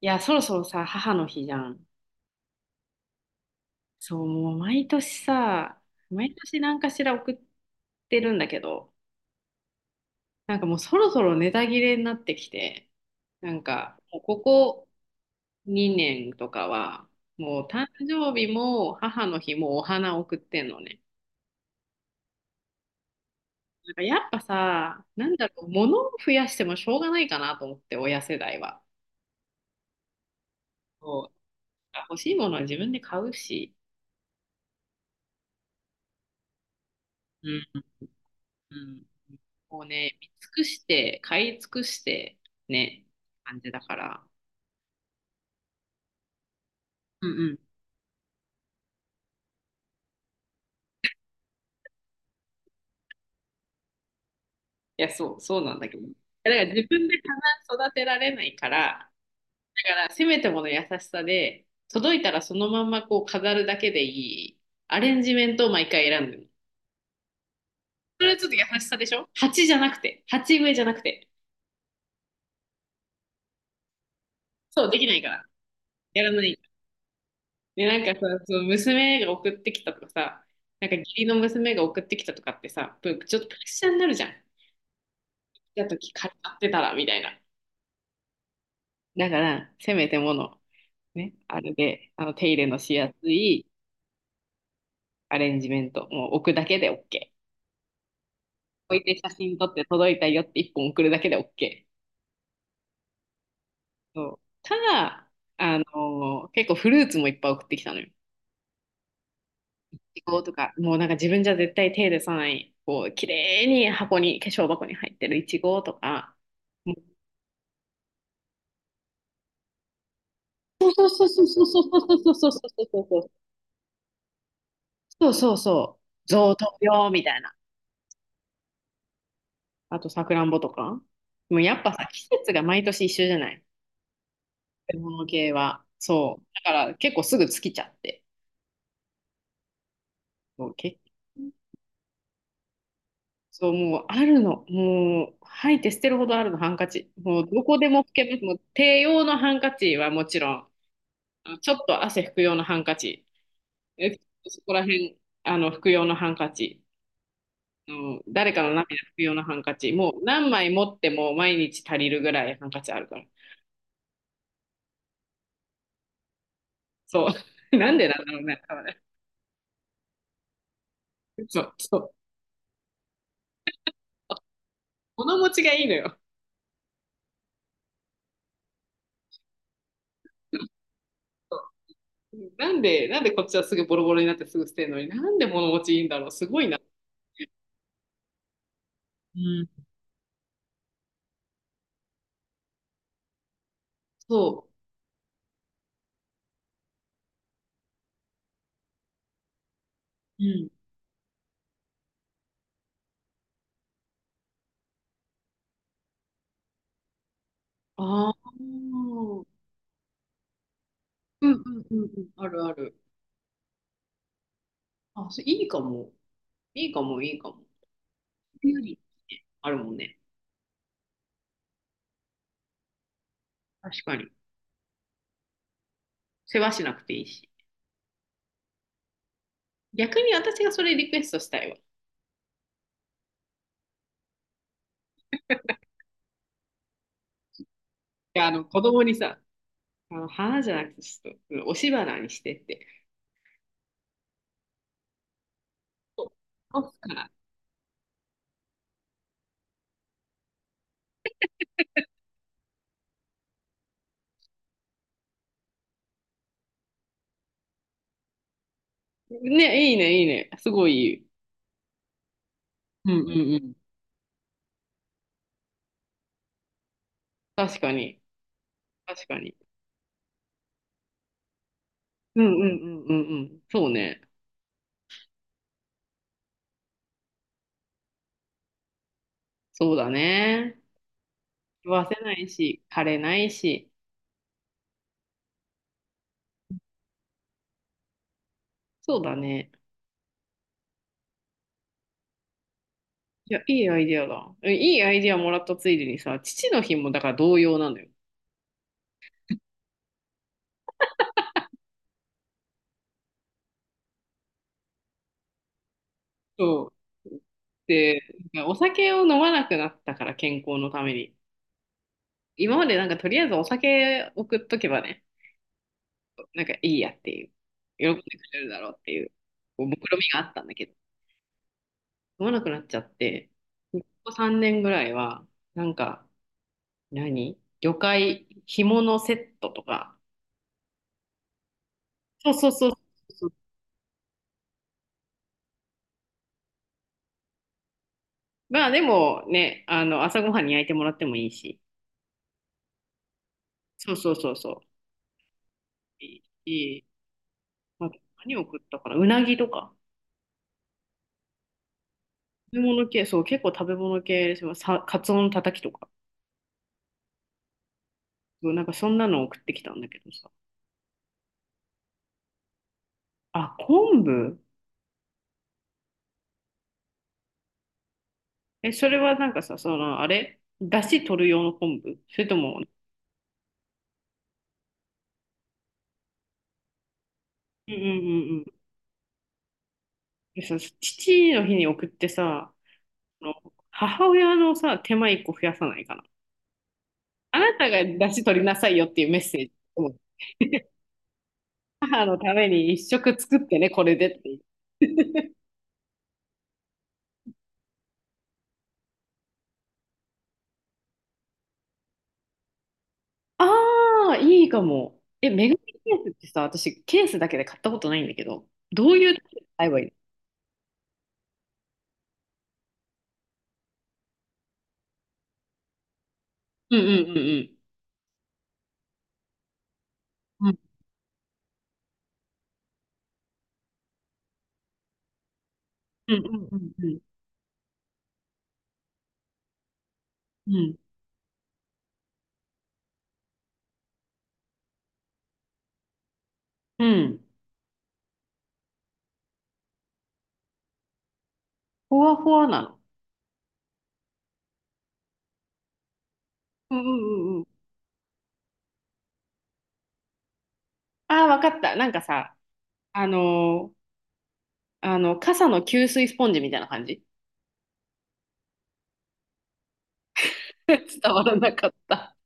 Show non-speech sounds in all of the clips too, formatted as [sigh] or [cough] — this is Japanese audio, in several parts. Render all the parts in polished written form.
いや、そろそろさ、母の日じゃん。そう、もう毎年さ、毎年何かしら送ってるんだけど、もうそろそろネタ切れになってきて、もうここ2年とかは、もう誕生日も母の日もお花送ってんのね。なんかやっぱさ、なんだろう、物を増やしてもしょうがないかなと思って、親世代は。そう、欲しいものは自分で買うし。うん、うんこうね、見尽くして、買い尽くして、ね、感じだから。うんうん。いや、そう、そうなんだけど。いやだから自分で花育てられないから、だからせめてもの優しさで、届いたらそのまんまこう飾るだけでいいアレンジメントを毎回選んでる。それはちょっと優しさでしょ、鉢じゃなくて、鉢植えじゃなくて。そう、できないから。やらない。で、なんかさ、その娘が送ってきたとかさ、なんか義理の娘が送ってきたとかってさ、ぷちょっとプレッシャーになるじゃん。たとき借りてたらみたいな。だからせめてものねあるで、あの手入れのしやすいアレンジメント、もう置くだけでオッケー。置いて写真撮って届いたよって一本送るだけでオッケー。そうただ結構フルーツもいっぱい送ってきたのよ。いちごとかもうなんか自分じゃ絶対手入れさないこう綺麗に箱に化粧箱に入ってるいちごとか。そうそうそうそうそうそうそうそうそうそうそうそうそうそうそうそうそう、贈答品みたいな。あと、さくらんぼとか。もうやっぱさ、季節が毎年一緒じゃない、食べ物系は。そう。だから結構すぐ尽きちゃって。そう、結そう、もうあるの。もう、吐いて捨てるほどあるの、ハンカチ。もうどこでも拭けます。もう手用のハンカチはもちろん、あのちょっと汗拭く用のハンカチ。え、そこら辺、拭く用のハンカチ。あの誰かの涙拭く用のハンカチ。もう何枚持っても毎日足りるぐらいハンカチあるから。そう。[laughs] なんでなんだろうね。多分ねそう。そう、物持ちがいいのよ。[laughs] なんで、なんでこっちはすぐボロボロになってすぐ捨てるのに、なんで物持ちいいんだろう、すごいな。うん。そう。うん。ああ。うんうんうんうん。あるある。あ、それいいかも。いいかも、いいかも。有利あるもんね。確かに。世話しなくていいし。逆に私がそれリクエストしたいわ。いや、子供にさ、花じゃなくて、ちょっと、うん押し花にしてって。そう押すから。ね、いいね、いいね。すごいいい。うんうんうん。確かに。確かに。うんうんうんうんうん。そうね。そうだね。食わせないし、枯れないし。そうだね。いや、いいアイディアだ。えいいアイディアもらったついでにさ、父の日もだから同様なのよ。そう。で、なんかお酒を飲まなくなったから、健康のために。今までなんかとりあえずお酒送っとけばね、なんかいいやっていう、喜んでくれるだろうっていう、こう目論みがあったんだけど、飲まなくなっちゃって、ここ3年ぐらいは、なんか、何魚介紐のセットとか。そうそうそうそう。まあでもね、朝ごはんに焼いてもらってもいいし。そうそうそうそう。いい、いい。あと何を食ったかな、うなぎとか。食べ物系、そう、結構食べ物系ですよ。さ、カツオのたたきとか。そうなんかそんなの送ってきたんだけどさ。あ、昆布え、それはなんかさ、その、あれ、だし取る用の昆布、それとも、うんうんうんうん。でさ、父の日に送ってさ、あの母親のさ、手間一個増やさないかな。あなたが出汁取りなさいよっていうメッセージ。うん、母のために一食作ってね、これでっていう。[laughs] ああ、いいかも。え、メガネケースってさ、私ケースだけで買ったことないんだけど、どういう時に買えばいいの？うんうんうんうん。うんうんうんうんうん。うん。ふわふわなの。うんうんうんうん。ああ、わかった。なんかさ、あのー傘の吸水スポンジみたいな感じ？ [laughs] 伝わらなかった。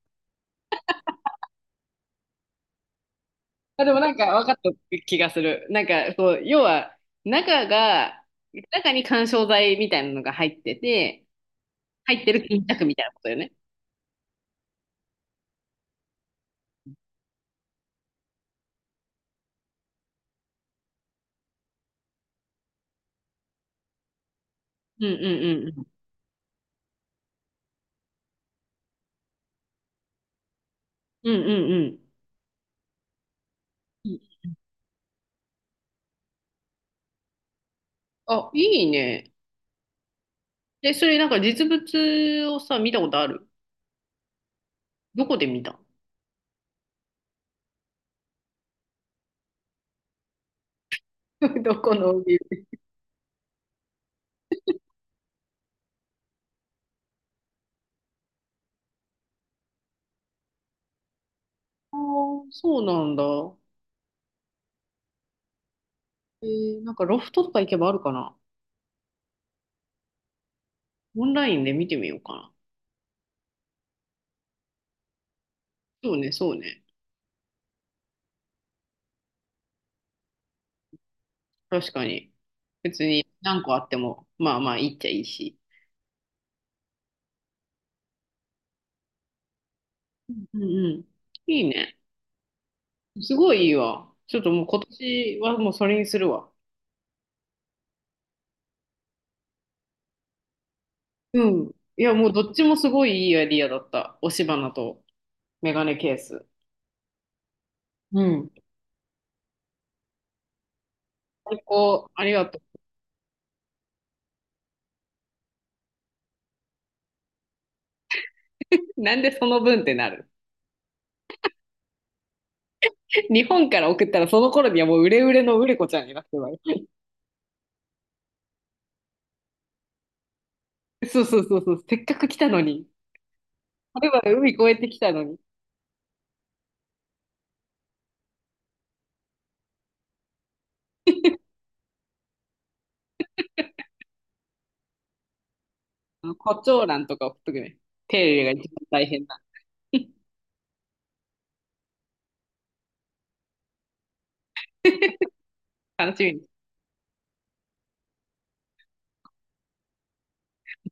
あ、でもなんか分かった気がする。なんかそう、要は中が、中に緩衝材みたいなのが入ってて、入ってる巾着みたいなことよね。うんうんうんうん。うんうんうん。いいあ、いいね。で、それなんか実物をさ、見たことある？どこで見た？ [laughs] どこの帯？あーそうなんだ。えーなんかロフトとか行けばあるかな？オンラインで見てみようかな。そうね、そうね。確かに。別に何個あっても、まあまあいいっちゃいいし。うんうん。いいね。すごいいいわ。ちょっともう今年はもうそれにするわ。うん。いや、もうどっちもすごいいいアイディアだった。押し花とメガネケース。うん。最高。ありがとう。なんでその分ってなる？日本から送ったらその頃にはもう売れ売れの売れ子ちゃんになってるわよ。そうそうそうそう。せっかく来たのに。あれはるばる海越えてきたのに。あの胡蝶蘭とか送っとくね。手入れが一番大変だ。楽しみに。